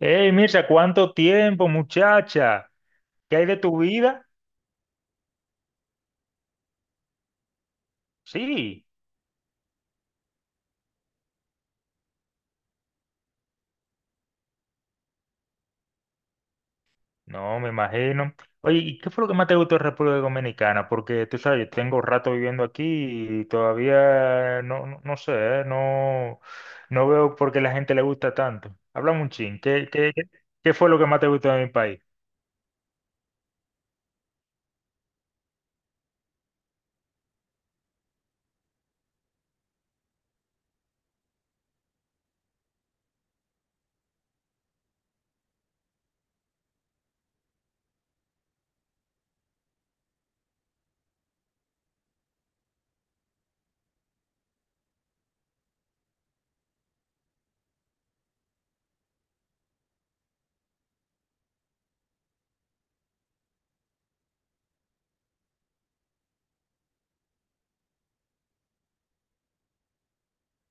Hey, Mirza, ¿cuánto tiempo, muchacha? ¿Qué hay de tu vida? Sí, no, me imagino. Oye, ¿y qué fue lo que más te gustó de República Dominicana? Porque tú sabes, yo tengo rato viviendo aquí y todavía no, no, no sé, no, no veo por qué la gente le gusta tanto. Háblame un chin, ¿qué fue lo que más te gustó de mi país?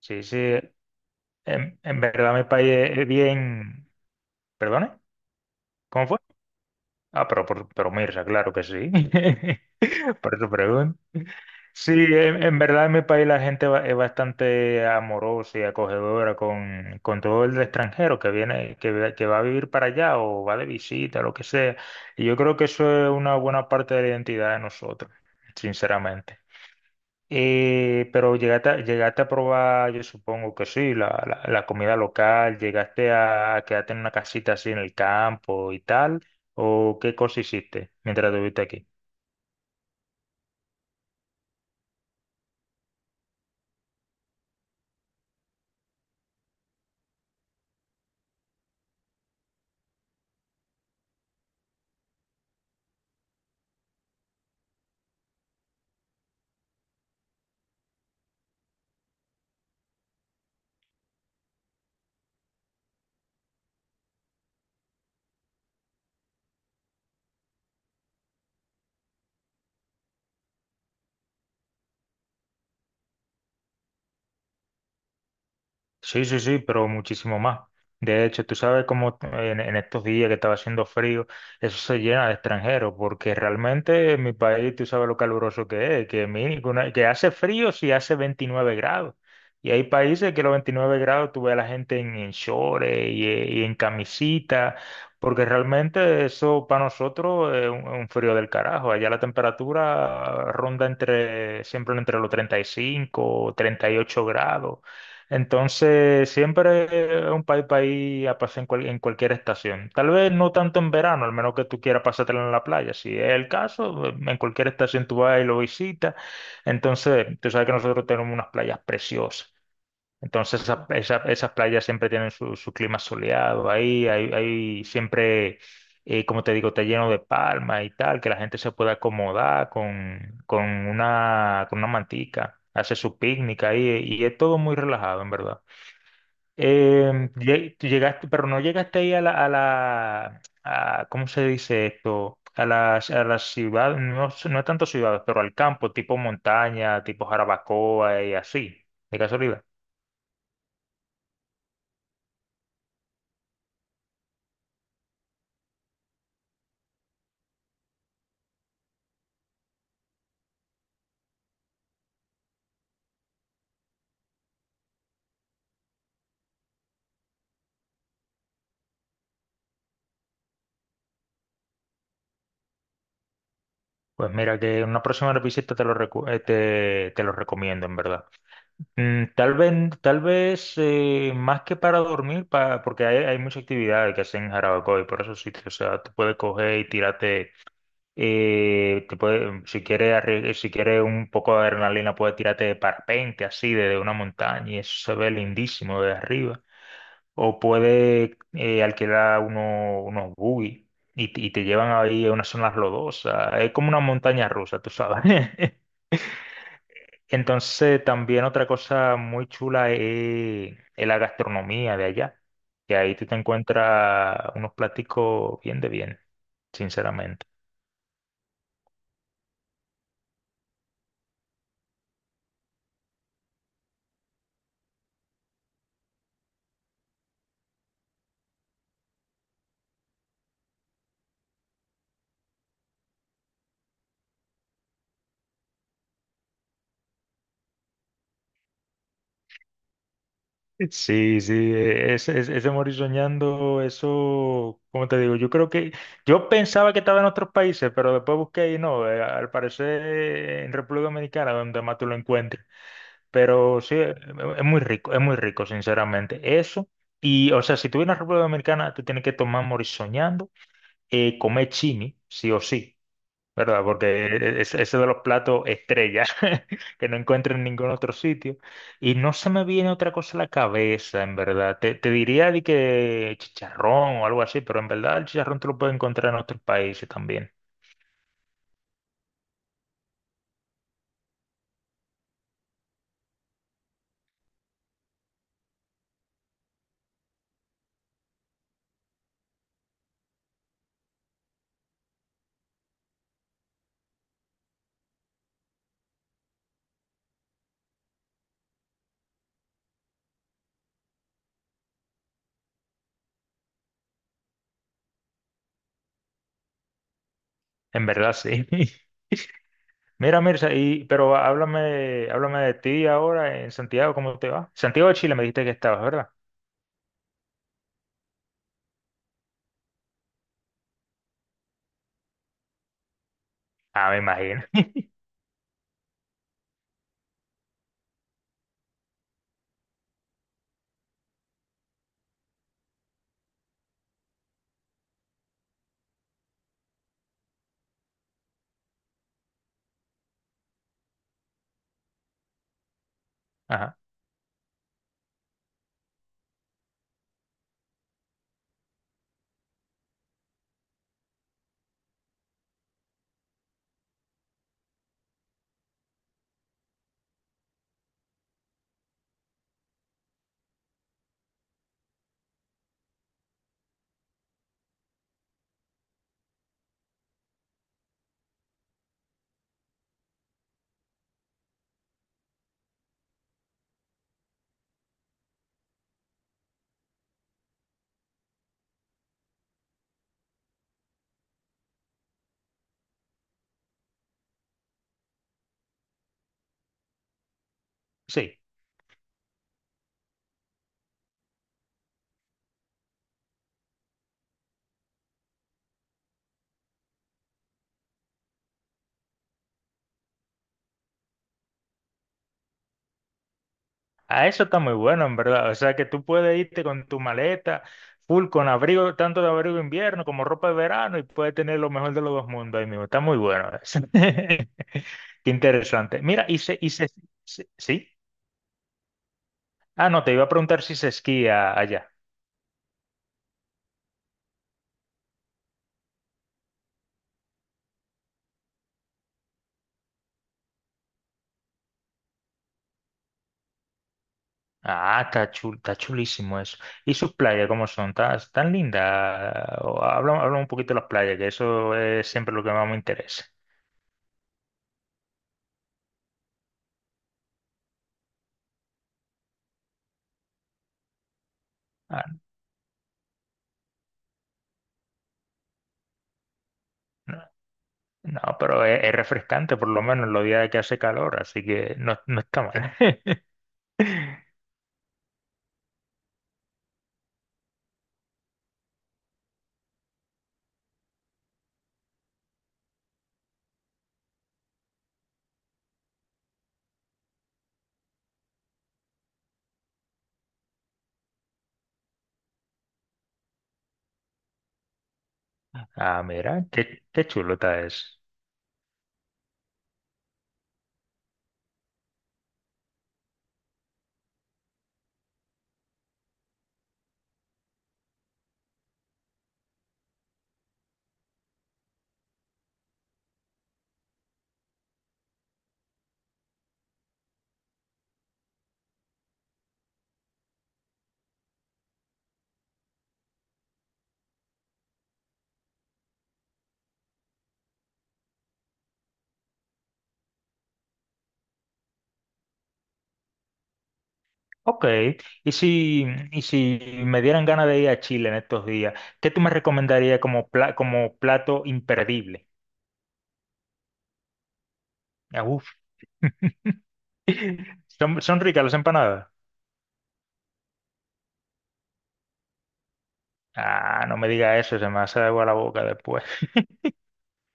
Sí, sí, en verdad mi país es bien. ¿Perdone? ¿Cómo fue? Ah, pero, pero Mirza, claro que sí. Por eso pregunto. Sí, en verdad en mi país la gente es bastante amorosa y acogedora con todo el extranjero que viene, que va a vivir para allá o va de visita, lo que sea. Y yo creo que eso es una buena parte de la identidad de nosotros, sinceramente. Pero llegaste, llegaste a probar, yo supongo que sí, la comida local, llegaste a quedarte en una casita así en el campo y tal, ¿o qué cosa hiciste mientras estuviste aquí? Sí, sí, sí, pero muchísimo más. De hecho, tú sabes cómo en estos días que estaba haciendo frío, eso se llena de extranjeros, porque realmente en mi país tú sabes lo caluroso que es, que, mínimo, que hace frío si hace 29 grados. Y hay países que los 29 grados tú ves a la gente en shorts y en camisita, porque realmente eso para nosotros es un frío del carajo. Allá la temperatura ronda siempre entre los 35, 38 grados. Entonces, siempre es un país para ir a pasar en cualquier estación. Tal vez no tanto en verano, al menos que tú quieras pasártelo en la playa. Si es el caso, en cualquier estación tú vas y lo visitas. Entonces, tú sabes que nosotros tenemos unas playas preciosas. Entonces, esas playas siempre tienen su clima soleado. Ahí, hay siempre, como te digo, está lleno de palmas y tal, que la gente se puede acomodar con una mantica. Hace su picnic ahí y es todo muy relajado, en verdad. Tú llegaste, pero no llegaste ahí ¿cómo se dice esto? A las ciudades no, no tanto ciudades pero al campo, tipo montaña, tipo Jarabacoa y así, de casualidad. Pues mira, que en una próxima visita te lo recomiendo, en verdad. Tal vez más que para dormir, porque hay muchas actividades que hacen en Jarabacoa y por esos sitios, o sea, tú puedes coger y tirarte. Y te puede- si quieres, arri- si quieres un poco de adrenalina, puedes tirarte de parpente así desde una montaña y eso se ve lindísimo de arriba. O puedes alquilar unos buggy y te llevan ahí a unas zonas lodosas. Es como una montaña rusa, tú sabes. Entonces, también otra cosa muy chula es la gastronomía de allá, que ahí tú te encuentras unos platicos bien de bien, sinceramente. Sí, sí, ese morir soñando, eso, como te digo, yo pensaba que estaba en otros países, pero después busqué y no, al parecer en República Dominicana, donde más tú lo encuentres. Pero sí, es muy rico, sinceramente. Eso, y o sea, si tú vienes a República Dominicana, tú tienes que tomar morir soñando, comer chimi, sí o sí. ¿Verdad? Porque ese de los platos estrella, que no encuentro en ningún otro sitio. Y no se me viene otra cosa a la cabeza, en verdad. Te diría de que chicharrón o algo así, pero en verdad el chicharrón te lo puedes encontrar en otros países también. En verdad, sí. Mira, Mirza, pero háblame de ti ahora en Santiago, ¿cómo te va? Santiago de Chile me dijiste que estabas, ¿verdad? Ah, me imagino. Ajá, sí. Ah, eso está muy bueno, en verdad. O sea, que tú puedes irte con tu maleta, full, con abrigo, tanto de abrigo de invierno como ropa de verano, y puedes tener lo mejor de los dos mundos ahí mismo. Está muy bueno eso. Qué interesante. Mira, ¿sí? Ah, no, te iba a preguntar si se esquía allá. Ah, está chulísimo eso. ¿Y sus playas cómo son? ¿Tan, tan lindas? Habla un poquito de las playas, que eso es siempre lo que más me interesa. Ah, no, no, pero es refrescante por lo menos en los días que hace calor, así que no, no está mal. Ah, mira, qué chulo está eso. Ok, y si, y si me dieran ganas de ir a Chile en estos días, ¿qué tú me recomendarías como plato imperdible? Ah, uf. ¿Son ricas las empanadas? Ah, no me diga eso, se me hace agua la boca después.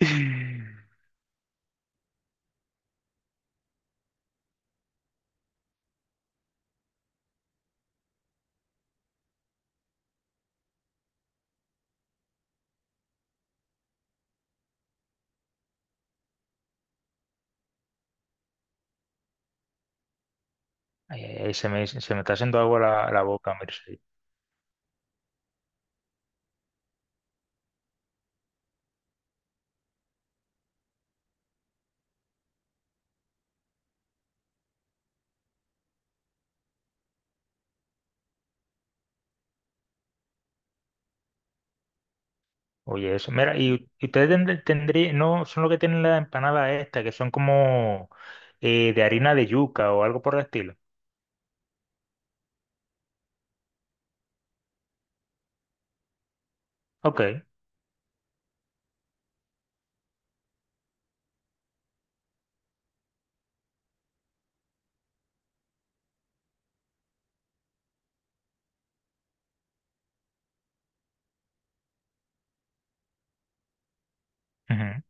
Ay, ay, ay, se me está haciendo agua la boca, mira. Oye, eso. Mira, y ustedes tendrían, no son los que tienen la empanada esta, que son como de harina de yuca o algo por el estilo. Ok. Ujú.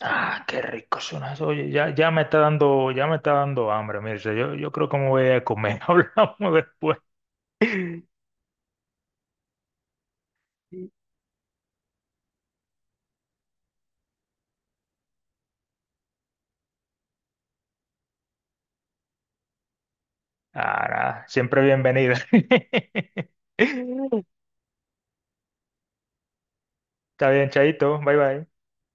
Ah, qué rico suena eso. Oye, ya, ya me está dando, ya me está dando hambre. Mira, o sea, yo creo que me voy a comer. Hablamos después. Ah, nada, siempre bienvenida. Está bien, Chaito. Bye bye.